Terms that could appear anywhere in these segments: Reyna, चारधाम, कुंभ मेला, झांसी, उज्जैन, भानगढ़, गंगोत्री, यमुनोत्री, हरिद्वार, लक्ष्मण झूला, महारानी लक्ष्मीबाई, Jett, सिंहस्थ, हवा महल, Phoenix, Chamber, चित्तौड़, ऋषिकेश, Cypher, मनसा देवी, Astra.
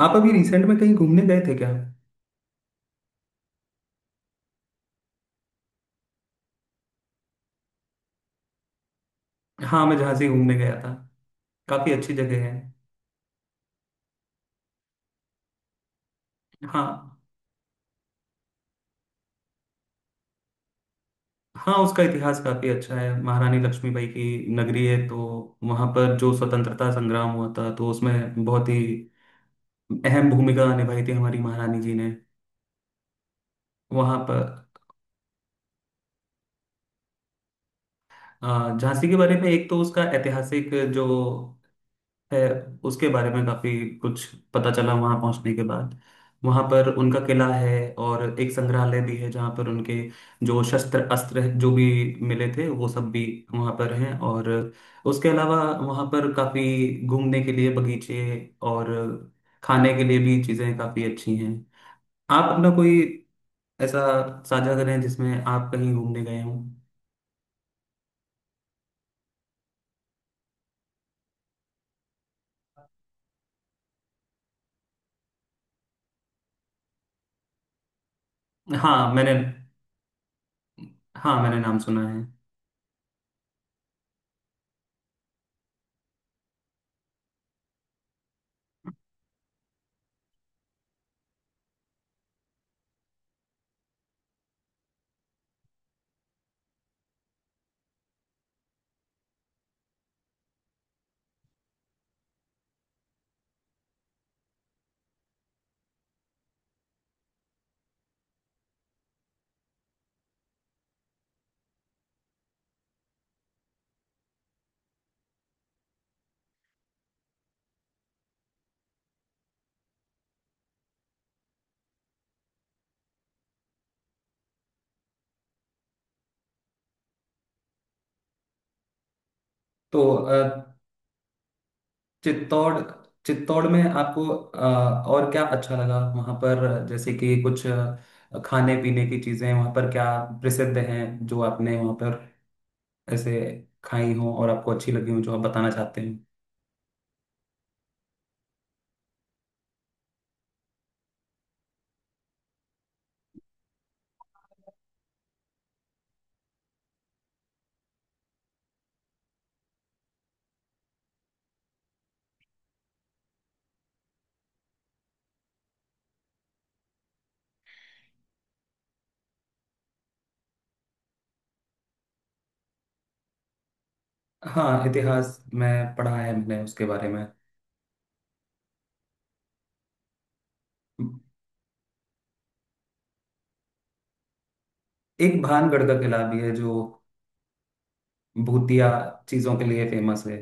आप अभी रिसेंट में कहीं घूमने गए थे क्या। हाँ, मैं झांसी घूमने गया था। काफी अच्छी जगह है। हाँ। हाँ, उसका इतिहास काफी अच्छा है। महारानी लक्ष्मीबाई की नगरी है, तो वहां पर जो स्वतंत्रता संग्राम हुआ था तो उसमें बहुत ही अहम भूमिका निभाई थी हमारी महारानी जी ने वहां पर। झांसी के बारे में एक तो उसका ऐतिहासिक जो है उसके बारे में काफी कुछ पता चला वहां पहुंचने के बाद। वहां पर उनका किला है और एक संग्रहालय भी है जहां पर उनके जो शस्त्र अस्त्र जो भी मिले थे वो सब भी वहां पर हैं। और उसके अलावा वहां पर काफी घूमने के लिए बगीचे और खाने के लिए भी चीजें काफी अच्छी हैं। आप अपना कोई ऐसा साझा करें जिसमें आप कहीं घूमने गए हों। हाँ मैंने, हाँ मैंने नाम सुना है। तो चित्तौड़, चित्तौड़ में आपको और क्या अच्छा लगा वहाँ पर? जैसे कि कुछ खाने पीने की चीजें वहाँ पर क्या प्रसिद्ध हैं जो आपने वहाँ पर ऐसे खाई हो और आपको अच्छी लगी हो, जो आप बताना चाहते हैं। हाँ, इतिहास में पढ़ा है मैंने उसके बारे में। एक भानगढ़ का किला भी है जो भूतिया चीजों के लिए फेमस है।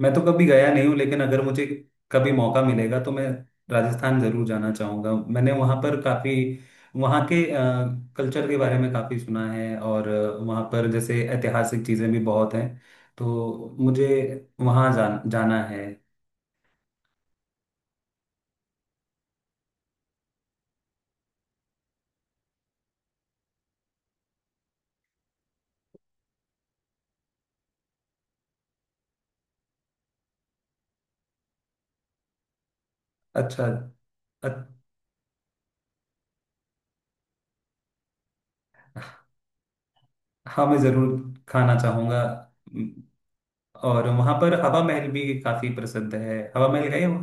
मैं तो कभी गया नहीं हूँ, लेकिन अगर मुझे कभी मौका मिलेगा तो मैं राजस्थान जरूर जाना चाहूँगा। मैंने वहाँ पर काफ़ी, वहाँ के कल्चर के बारे में काफ़ी सुना है। और वहाँ पर जैसे ऐतिहासिक चीज़ें भी बहुत हैं, तो मुझे वहाँ जाना है। अच्छा। अ- हाँ मैं ज़रूर खाना चाहूँगा। और वहाँ पर हवा महल भी काफ़ी प्रसिद्ध है। हवा महल गए हो?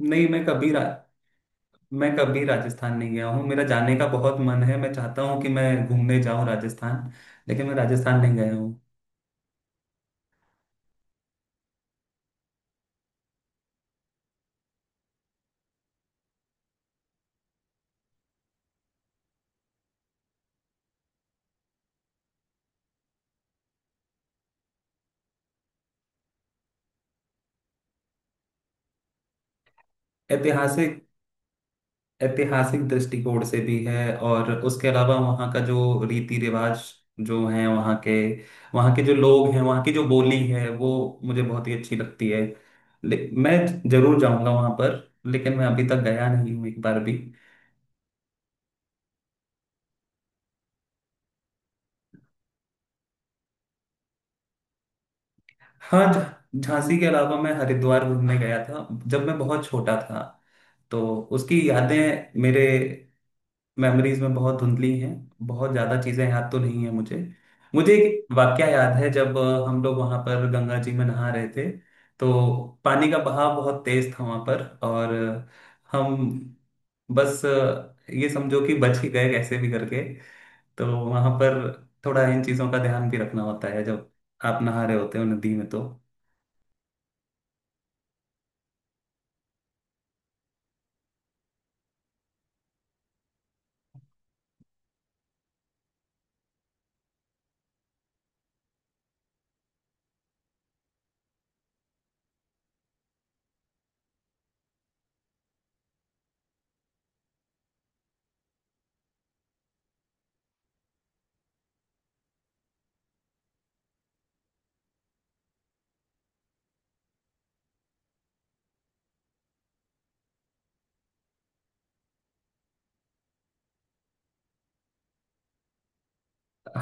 नहीं, मैं कभी राजस्थान नहीं गया हूँ। मेरा जाने का बहुत मन है, मैं चाहता हूँ कि मैं घूमने जाऊँ राजस्थान, लेकिन मैं राजस्थान नहीं गया हूँ। ऐतिहासिक, ऐतिहासिक दृष्टिकोण से भी है और उसके अलावा वहाँ का जो रीति रिवाज जो है, वहाँ के, वहाँ के जो लोग हैं, वहाँ की जो बोली है, वो मुझे बहुत ही अच्छी लगती है। मैं जरूर जाऊँगा वहाँ पर, लेकिन मैं अभी तक गया नहीं हूँ एक बार भी। हाँ, झांसी के अलावा मैं हरिद्वार घूमने गया था जब मैं बहुत छोटा था। तो उसकी यादें मेरे, मेमोरीज में बहुत धुंधली हैं। बहुत ज़्यादा चीज़ें याद तो नहीं है मुझे। मुझे एक वाकया याद है जब हम लोग वहाँ पर गंगा जी में नहा रहे थे, तो पानी का बहाव बहुत तेज था वहाँ पर। और हम बस, ये समझो कि बच ही गए कैसे भी करके। तो वहाँ पर थोड़ा इन चीज़ों का ध्यान भी रखना होता है जब आप नहा रहे होते हो नदी में तो।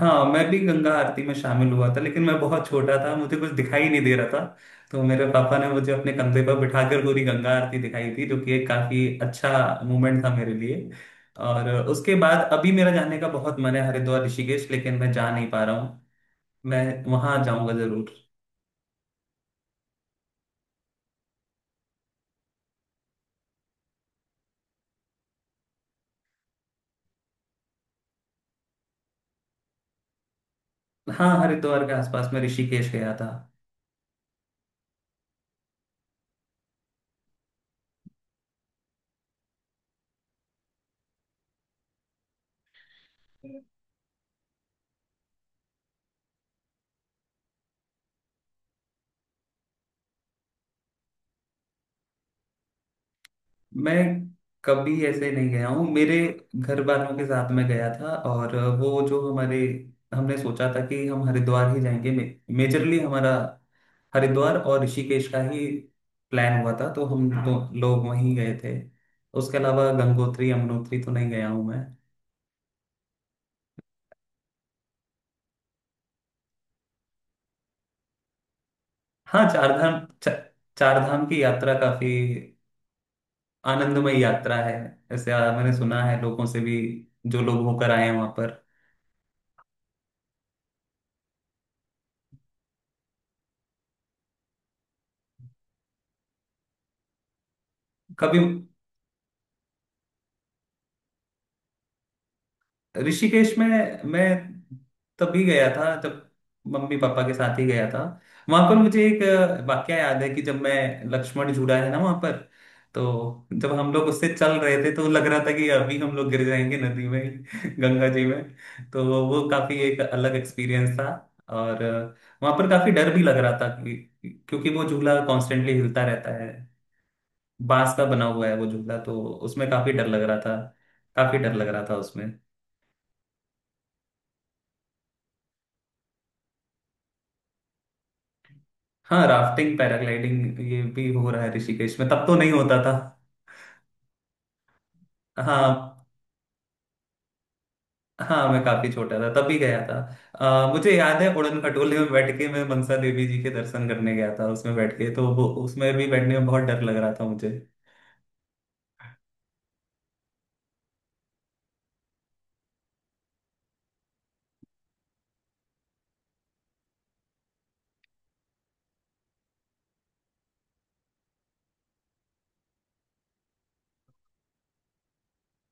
हाँ मैं भी गंगा आरती में शामिल हुआ था, लेकिन मैं बहुत छोटा था, मुझे कुछ दिखाई नहीं दे रहा था। तो मेरे पापा ने मुझे अपने कंधे पर बिठाकर पूरी गंगा आरती दिखाई थी, जो कि एक काफी अच्छा मोमेंट था मेरे लिए। और उसके बाद अभी मेरा जाने का बहुत मन है हरिद्वार ऋषिकेश, लेकिन मैं जा नहीं पा रहा हूँ। मैं वहां जाऊंगा जरूर। हाँ, हरिद्वार के आसपास में ऋषिकेश गया था। मैं कभी ऐसे नहीं गया हूँ, मेरे घर वालों के साथ में गया था। और वो जो हमारे, हमने सोचा था कि हम हरिद्वार ही जाएंगे, मेजरली हमारा हरिद्वार और ऋषिकेश का ही प्लान हुआ था, तो हम दो लोग वहीं गए थे। उसके अलावा गंगोत्री यमुनोत्री तो नहीं गया हूँ मैं। हाँ, चारधाम की यात्रा काफी आनंदमय यात्रा है, ऐसे मैंने सुना है लोगों से भी, जो लोग होकर आए हैं वहां पर। कभी, ऋषिकेश में मैं तभी गया था जब मम्मी पापा के साथ ही गया था। वहां पर मुझे एक वाकया याद है कि जब मैं, लक्ष्मण झूला है ना वहां पर, तो जब हम लोग उससे चल रहे थे तो लग रहा था कि अभी हम लोग गिर जाएंगे नदी में गंगा जी में। तो वो काफी एक अलग एक्सपीरियंस था। और वहां पर काफी डर भी लग रहा था कि, क्योंकि वो झूला कॉन्स्टेंटली हिलता रहता है, बांस का बना हुआ है वो झूला, तो उसमें काफी डर लग रहा था। काफी डर लग रहा था उसमें। हाँ, राफ्टिंग पैराग्लाइडिंग ये भी हो रहा है ऋषिकेश में, तब तो नहीं होता था। हाँ। हाँ, मैं काफी छोटा था तब भी गया था। मुझे याद है उड़न खटोले में बैठ के मैं मनसा देवी जी के दर्शन करने गया था, उसमें बैठ के, तो वो उसमें भी बैठने में बहुत डर लग रहा था मुझे।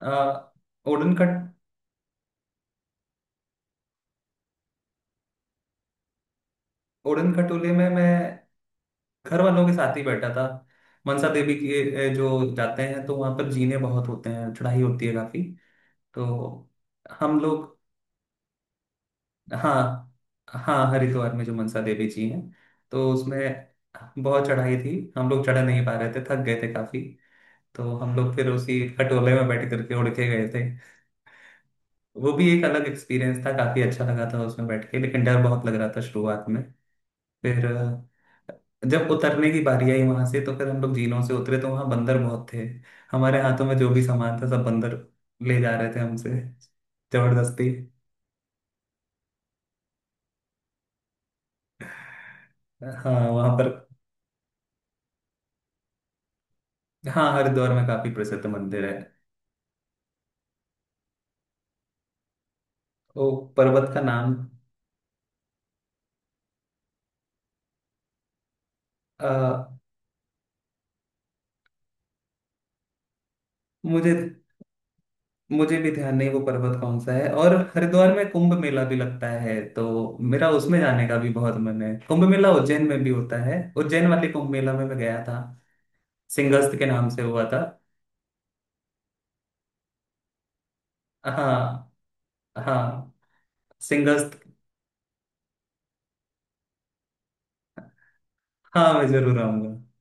अ, उड़न खट उड़न खटोले में मैं घर वालों के साथ ही बैठा था। मनसा देवी के जो जाते हैं तो वहां पर जीने बहुत होते हैं, चढ़ाई होती है काफी, तो हम लोग, हाँ। हाँ, हरिद्वार में जो मनसा देवी जी हैं, तो उसमें बहुत चढ़ाई थी, हम लोग चढ़ नहीं पा रहे थे, थक गए थे काफी, तो हम लोग फिर उसी खटोले में बैठ करके उड़ के गए थे। वो भी एक अलग एक्सपीरियंस था, काफी अच्छा लगा था उसमें बैठ के, लेकिन डर बहुत लग रहा था शुरुआत में। फिर जब उतरने की बारी आई वहां से, तो फिर हम लोग झीलों से उतरे तो वहां बंदर बहुत थे। हमारे हाथों में जो भी सामान था सब बंदर ले जा रहे थे हमसे जबरदस्ती। हाँ, वहां पर। हाँ, हरिद्वार में काफी प्रसिद्ध मंदिर है। वो पर्वत का नाम, अ, मुझे, मुझे भी ध्यान नहीं वो पर्वत कौन सा है। और हरिद्वार में कुंभ मेला भी लगता है, तो मेरा उसमें जाने का भी बहुत मन है। कुंभ मेला उज्जैन में भी होता है, उज्जैन वाले कुंभ मेला में मैं गया था, सिंहस्थ के नाम से हुआ था। हाँ। हाँ, सिंहस्थ। हाँ, मैं जरूर आऊंगा।